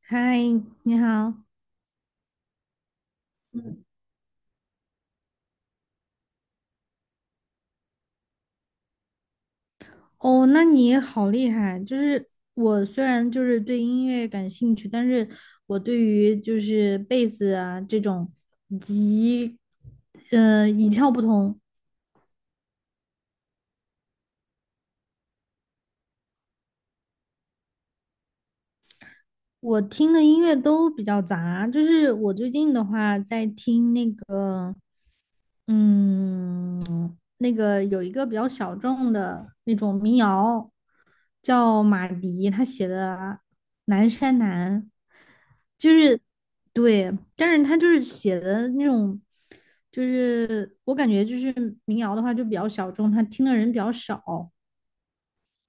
嗨，你好。嗯，哦，那你也好厉害。就是我虽然就是对音乐感兴趣，但是我对于就是贝斯啊这种以及一窍不通。我听的音乐都比较杂，就是我最近的话在听那个，嗯，那个有一个比较小众的那种民谣，叫马迪，他写的《南山南》，就是对，但是他就是写的那种，就是我感觉就是民谣的话就比较小众，他听的人比较少，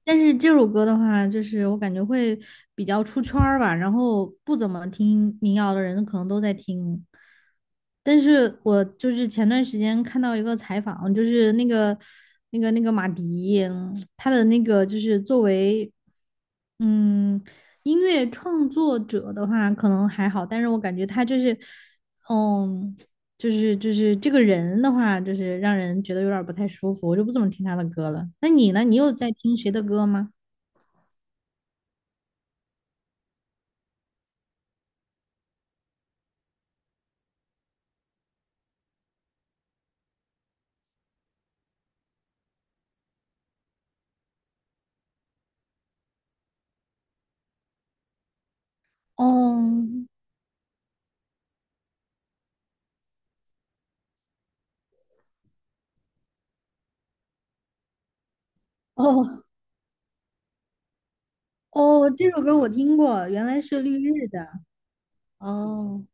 但是这首歌的话，就是我感觉会比较出圈儿吧，然后不怎么听民谣的人可能都在听。但是我就是前段时间看到一个采访，就是那个马迪，他的那个就是作为嗯音乐创作者的话，可能还好，但是我感觉他就是嗯就是这个人的话，就是让人觉得有点儿不太舒服，我就不怎么听他的歌了。那你呢？你有在听谁的歌吗？哦哦哦，这首歌我听过，原来是绿日的。哦，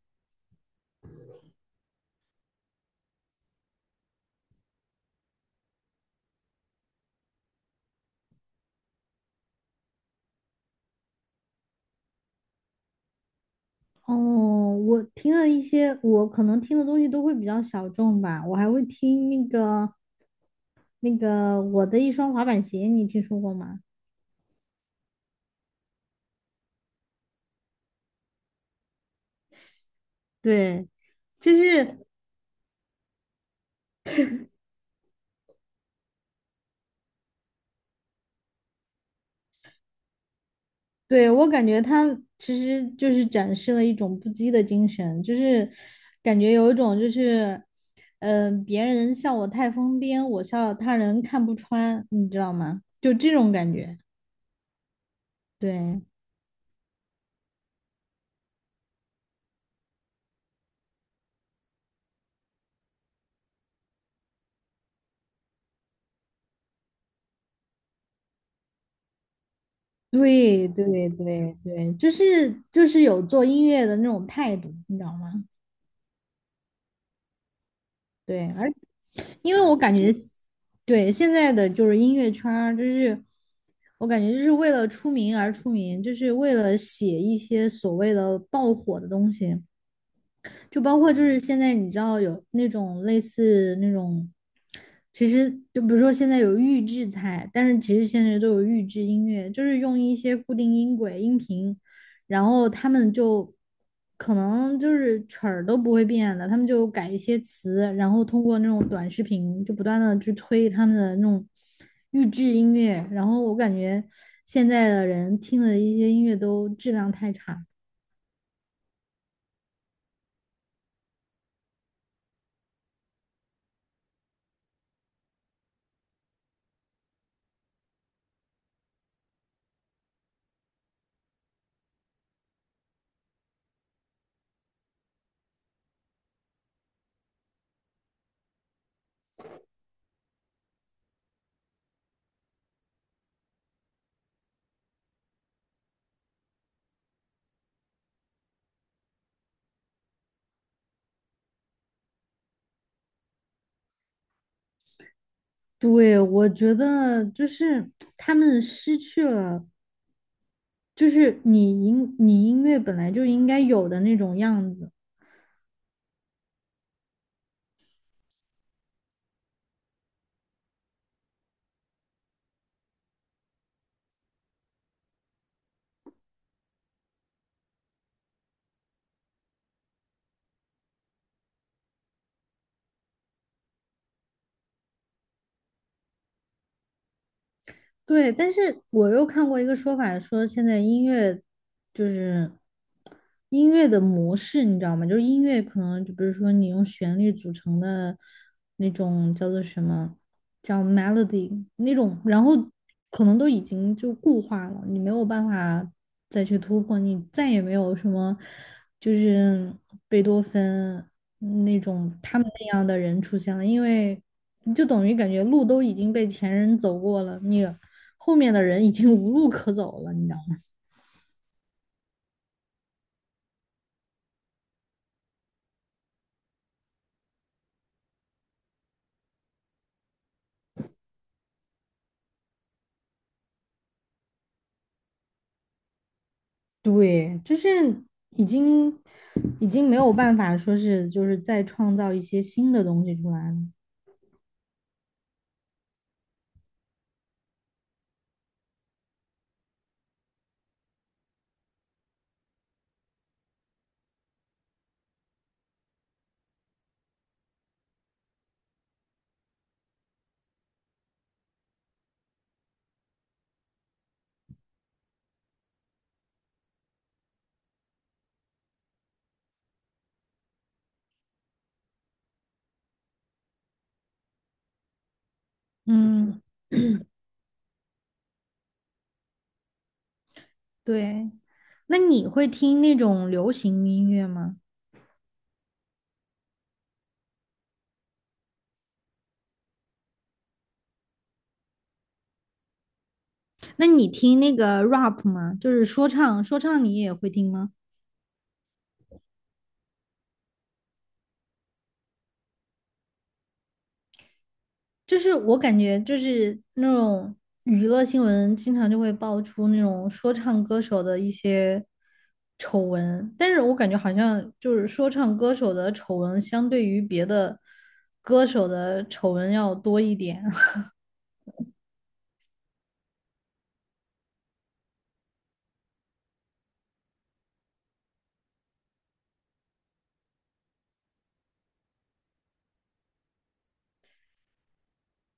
哦，我听了一些，我可能听的东西都会比较小众吧。我还会听那个我的一双滑板鞋，你听说过吗？对，就是对，我感觉他其实就是展示了一种不羁的精神，就是感觉有一种就是，嗯，别人笑我太疯癫，我笑他人看不穿，你知道吗？就这种感觉。对，对，对，对，对，就是就是有做音乐的那种态度，你知道吗？对，而因为我感觉，对现在的就是音乐圈儿，就是我感觉就是为了出名而出名，就是为了写一些所谓的爆火的东西。就包括就是现在你知道有那种类似那种，其实就比如说现在有预制菜，但是其实现在都有预制音乐，就是用一些固定音轨、音频，然后他们就可能就是曲儿都不会变的，他们就改一些词，然后通过那种短视频就不断的去推他们的那种预制音乐，然后我感觉现在的人听的一些音乐都质量太差了。对，我觉得就是他们失去了，就是你音乐本来就应该有的那种样子。对，但是我又看过一个说法，说现在音乐就是音乐的模式，你知道吗？就是音乐可能就比如说你用旋律组成的那种叫做什么，叫 melody 那种，然后可能都已经就固化了，你没有办法再去突破，你再也没有什么就是贝多芬那种他们那样的人出现了，因为就等于感觉路都已经被前人走过了，你后面的人已经无路可走了，你知道吗？对，就是已经没有办法说是就是再创造一些新的东西出来了。嗯，对。那你会听那种流行音乐吗？那你听那个 rap 吗？就是说唱，说唱你也会听吗？就是我感觉就是那种娱乐新闻，经常就会爆出那种说唱歌手的一些丑闻，但是我感觉好像就是说唱歌手的丑闻，相对于别的歌手的丑闻要多一点，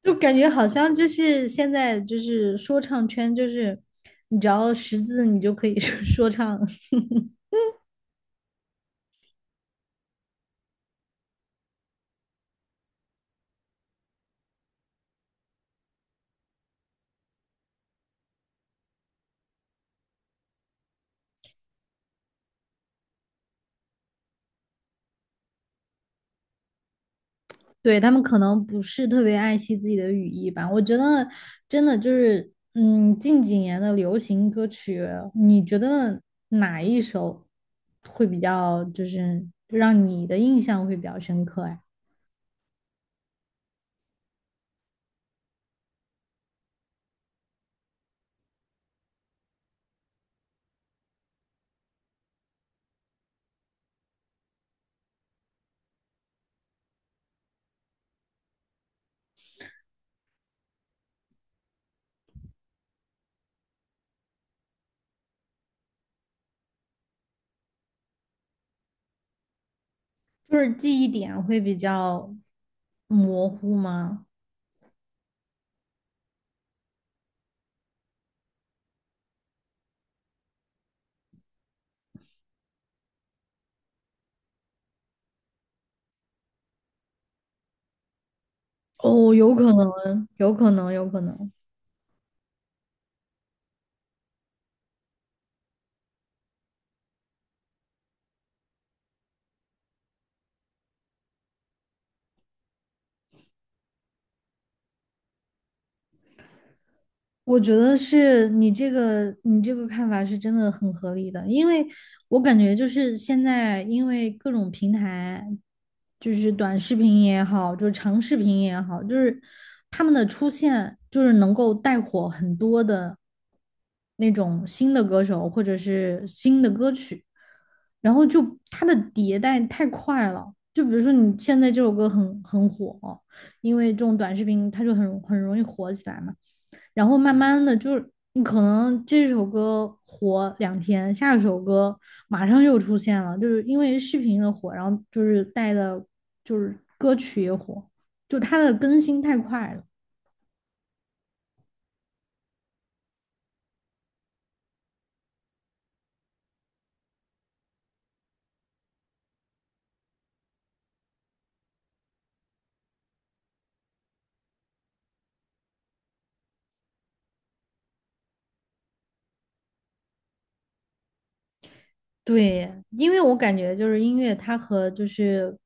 就感觉好像就是现在就是说唱圈，就是你只要识字，你就可以说 说唱。对，他们可能不是特别爱惜自己的语义吧。我觉得真的就是，嗯，近几年的流行歌曲，你觉得哪一首会比较，就是让你的印象会比较深刻呀？就是记忆点会比较模糊吗？哦，有可能，有可能，有可能。我觉得是你这个看法是真的很合理的，因为我感觉就是现在因为各种平台，就是短视频也好，就是长视频也好，就是他们的出现就是能够带火很多的那种新的歌手或者是新的歌曲，然后就它的迭代太快了，就比如说你现在这首歌很火，因为这种短视频它就很容易火起来嘛。然后慢慢的就是你可能这首歌火两天，下一首歌马上又出现了，就是因为视频的火，然后就是带的，就是歌曲也火，就它的更新太快了。对，因为我感觉就是音乐，它和就是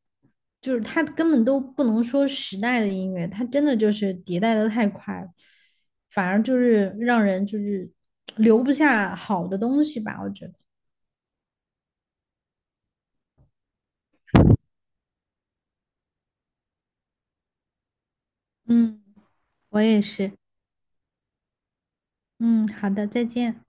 它根本都不能说时代的音乐，它真的就是迭代的太快了，反而就是让人就是留不下好的东西吧，我觉得。嗯，我也是。嗯，好的，再见。